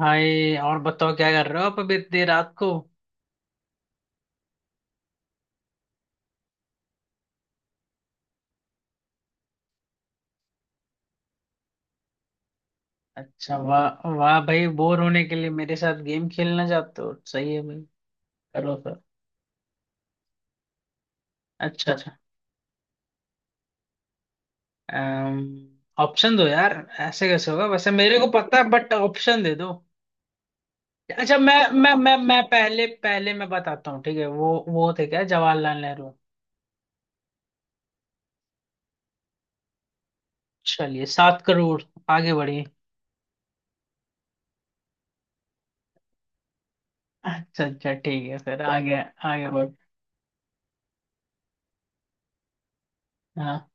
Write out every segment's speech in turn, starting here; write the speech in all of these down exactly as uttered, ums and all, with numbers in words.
हाय। और बताओ क्या कर रहे हो आप अभी इतनी रात को। अच्छा, वाह वाह भाई, बोर होने के लिए मेरे साथ गेम खेलना चाहते हो। सही है भाई, करो फिर। अच्छा अच्छा, ऑप्शन दो यार। ऐसे कैसे होगा, वैसे मेरे को पता है बट ऑप्शन दे दो। अच्छा, मैं मैं मैं मैं पहले पहले मैं बताता हूँ, ठीक है। वो वो थे क्या, जवाहरलाल नेहरू। चलिए सात करोड़, आगे बढ़िए। अच्छा अच्छा, ठीक है फिर आगे, आगे बढ़। हाँ।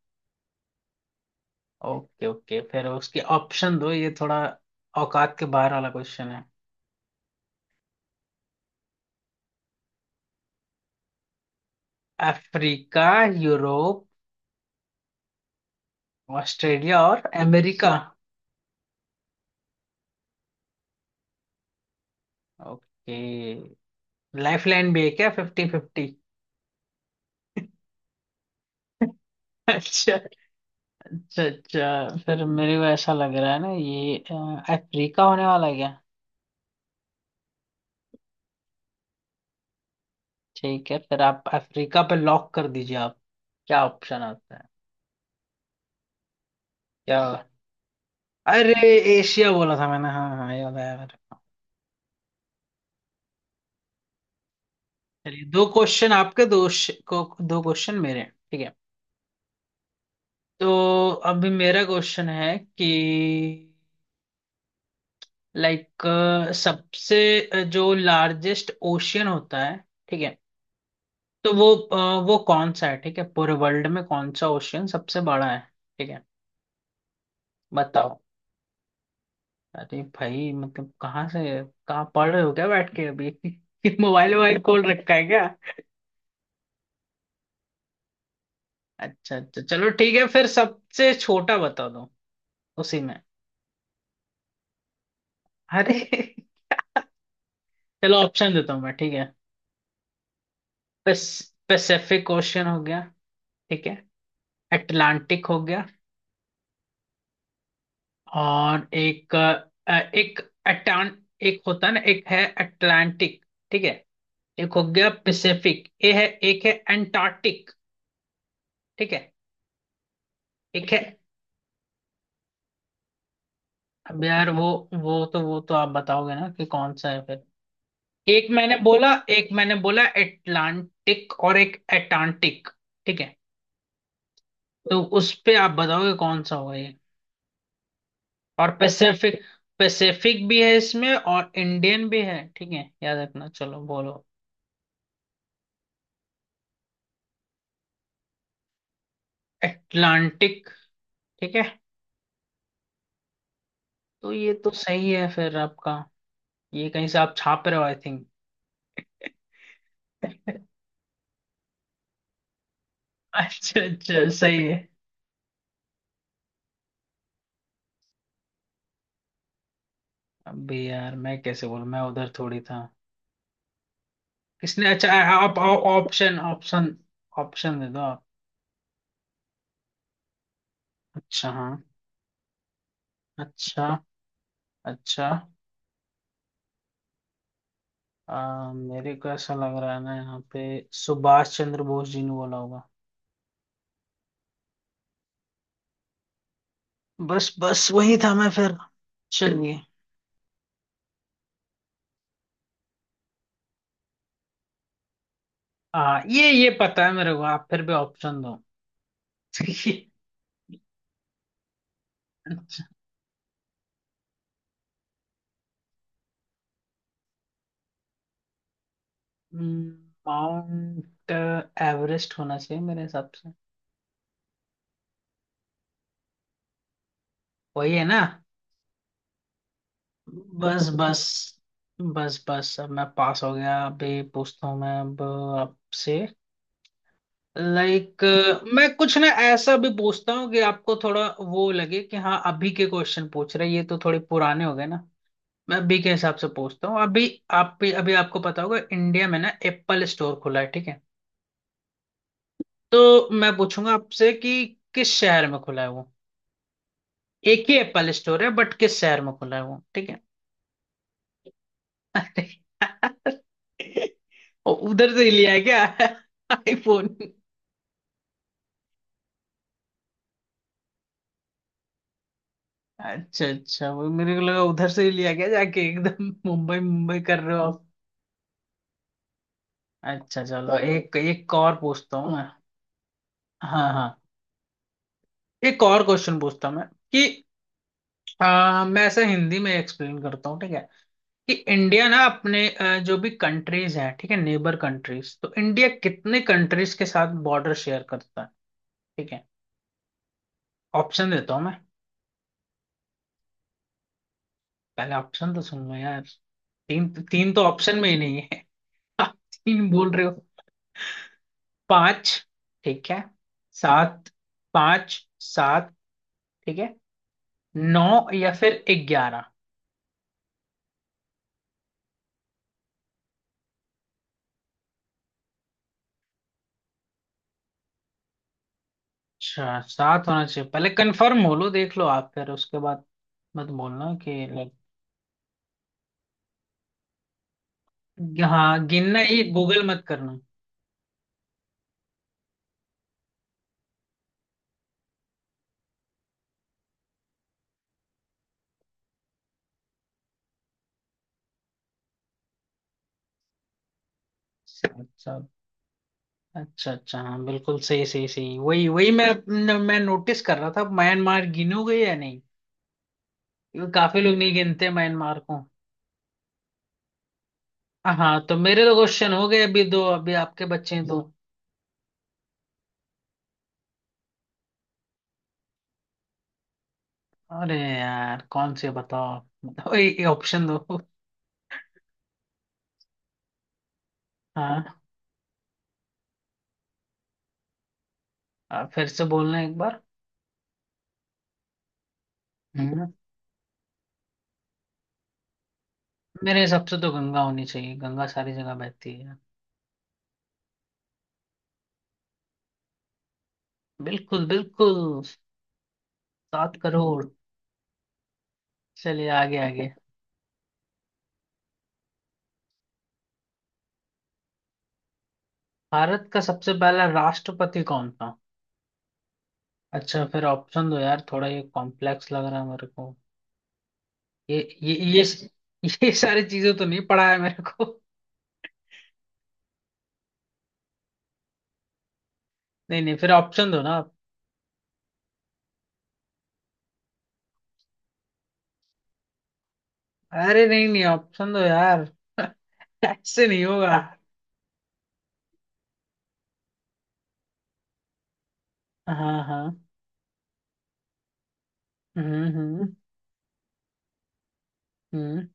ओके ओके, फिर उसके ऑप्शन दो, ये थोड़ा औकात के बाहर वाला क्वेश्चन है। अफ्रीका, यूरोप, ऑस्ट्रेलिया और अमेरिका। ओके, लाइफ लाइन भी है क्या, फिफ्टी फिफ्टी? अच्छा अच्छा अच्छा, फिर मेरे को ऐसा लग रहा है ना, ये अ, अफ्रीका होने वाला है क्या? ठीक है, फिर आप अफ्रीका पे लॉक कर दीजिए आप। क्या ऑप्शन आता है? क्या? अरे, एशिया बोला था मैंने। हाँ हाँ, ये वाला है मेरे को। चलिए, दो क्वेश्चन आपके, दो श- को दो क्वेश्चन मेरे, ठीक है। तो अभी मेरा क्वेश्चन है कि, लाइक, सबसे अ, जो लार्जेस्ट ओशियन होता है, ठीक है, तो वो अ, वो कौन सा है? ठीक है, पूरे वर्ल्ड में कौन सा ओशियन सबसे बड़ा है? ठीक है, बताओ। अरे भाई, मतलब कहाँ से कहाँ पढ़ रहे हो क्या बैठ के अभी मोबाइल वोबाइल खोल रखा है क्या? अच्छा अच्छा, चलो ठीक है, फिर सबसे छोटा बता दो, उसी में। अरे चलो ऑप्शन देता हूँ मैं, ठीक है। पैस, पैसिफिक ओशियन हो गया, ठीक है। अटलांटिक हो गया, और एक, अ, एक अटान, एक होता है ना, एक है अटलांटिक, ठीक है। एक हो गया पैसिफिक ये है, एक है अंटार्कटिक, ठीक है, एक है। अब यार वो, वो तो वो तो आप बताओगे ना कि कौन सा है फिर। एक मैंने बोला एक मैंने बोला अटलांटिक और एक अटांटिक, ठीक है। तो उस पे आप बताओगे कौन सा होगा ये। और पैसिफिक, पैसिफिक भी है इसमें और इंडियन भी है, ठीक है, याद रखना, चलो बोलो। एटलांटिक, ठीक है। तो ये तो सही है फिर आपका, ये कहीं से आप छाप रहे हो आई थिंक। अच्छा अच्छा, सही है। अभी यार मैं कैसे बोलूं, मैं उधर थोड़ी था। किसने, अच्छा, आप ऑप्शन, ऑप्शन ऑप्शन दे दो आप। अच्छा, हाँ। अच्छा अच्छा। आ, मेरे को ऐसा लग रहा है ना यहाँ पे, सुभाष चंद्र बोस जी ने बोला होगा। बस बस, वही था मैं फिर, चलिए। आ, ये ये पता है मेरे को, आप फिर भी ऑप्शन दो माउंट एवरेस्ट होना चाहिए मेरे हिसाब से। वही है ना? बस बस बस बस, अब मैं पास हो गया, अभी पूछता हूँ मैं अब आपसे। लाइक, मैं कुछ ना ऐसा भी पूछता हूँ कि आपको थोड़ा वो लगे कि हाँ अभी के क्वेश्चन पूछ रहे हैं, ये तो थोड़े पुराने हो गए ना। मैं अभी के हिसाब से पूछता हूँ अभी। आप भी, अभी आपको पता होगा, इंडिया में ना एप्पल स्टोर खुला है, ठीक है। तो मैं पूछूंगा आपसे कि किस शहर में खुला है वो। एक ही एप्पल स्टोर है बट किस शहर में खुला है वो, ठीक है। अरे यार, ओ, उधर से ही लिया है क्या आईफोन? अच्छा अच्छा, वो मेरे को लगा उधर से ही लिया गया जाके, एकदम मुंबई मुंबई कर रहे हो आप। अच्छा चलो, एक एक और पूछता हूँ मैं। हाँ हाँ, एक और क्वेश्चन पूछता हूँ मैं कि आ, मैं ऐसे हिंदी में एक्सप्लेन करता हूँ, ठीक है। कि इंडिया ना अपने अ, जो भी कंट्रीज हैं, ठीक है, नेबर कंट्रीज, तो इंडिया कितने कंट्रीज के साथ बॉर्डर शेयर करता है, ठीक है। ऑप्शन देता हूँ मैं। पहले ऑप्शन तो सुन लो यार, तीन, तीन तो ऑप्शन में ही नहीं है आप तीन बोल रहे हो। पांच, ठीक है, सात, पांच, सात, ठीक है, नौ, या फिर ग्यारह। अच्छा, सात होना चाहिए? पहले कंफर्म हो लो देख लो आप, फिर उसके बाद मत बोलना कि like। हाँ गिनना, ये गूगल मत करना। सात सात। अच्छा अच्छा, हाँ बिल्कुल, सही सही सही, वही वही मैं मैं नोटिस कर रहा था म्यांमार गिनोगे या नहीं, क्योंकि काफी लोग नहीं गिनते म्यांमार को। हाँ तो मेरे तो क्वेश्चन हो गए, अभी दो, अभी आपके बच्चे हैं दो। अरे यार, कौन से बताओ बताओ, ये ऑप्शन दो। हाँ, आप फिर से बोलना एक बार। हम्म। मेरे हिसाब से तो गंगा होनी चाहिए, गंगा सारी जगह बहती है। बिल्कुल बिल्कुल। सात करोड़, चलिए आगे आगे। भारत का सबसे पहला राष्ट्रपति कौन था? अच्छा, फिर ऑप्शन दो यार, थोड़ा ये कॉम्प्लेक्स लग रहा है मेरे को। ये ये ये ये सारी चीजें तो नहीं पढ़ा है मेरे को। नहीं नहीं, फिर ऑप्शन दो ना आप। अरे नहीं नहीं, ऑप्शन दो यार ऐसे नहीं होगा। हाँ हाँ। हम्म हम्म हम्म।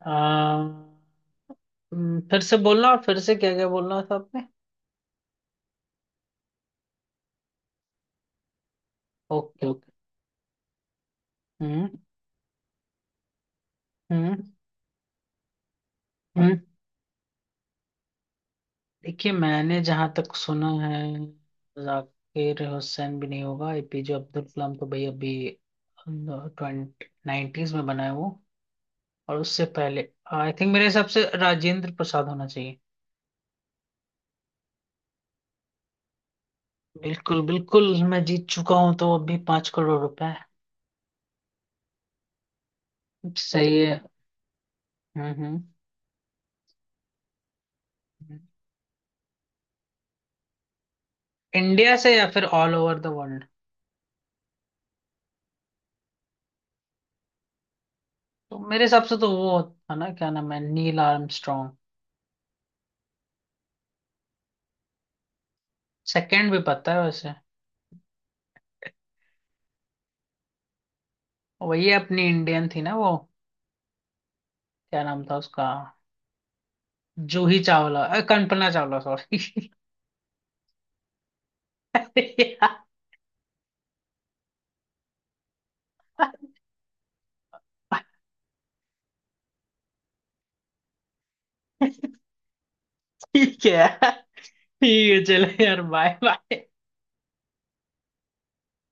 आ, हम्म, फिर से बोलना, और फिर से क्या क्या बोलना था आपने। Okay okay. हम्म हम्म हम्म। देखिए मैंने जहां तक सुना है, जाकिर हुसैन भी नहीं होगा, एपीजे अब्दुल कलाम तो भाई अभी ट्वेंटी नाइन्टीज में बना है वो, और उससे पहले, आई थिंक मेरे हिसाब से राजेंद्र प्रसाद होना चाहिए। बिल्कुल बिल्कुल, मैं जीत चुका हूँ, तो अभी पांच करोड़ रुपए। सही है। हम्म हम्म। इंडिया से या फिर ऑल ओवर द वर्ल्ड? तो मेरे हिसाब से तो वो था ना, क्या नाम है, नील आर्मस्ट्रॉन्ग। सेकंड भी पता है वैसे। वही अपनी इंडियन थी ना वो, क्या नाम था उसका, जूही चावला, अ, कल्पना चावला सॉरी ठीक है, ठीक है चलो यार, बाय बाय।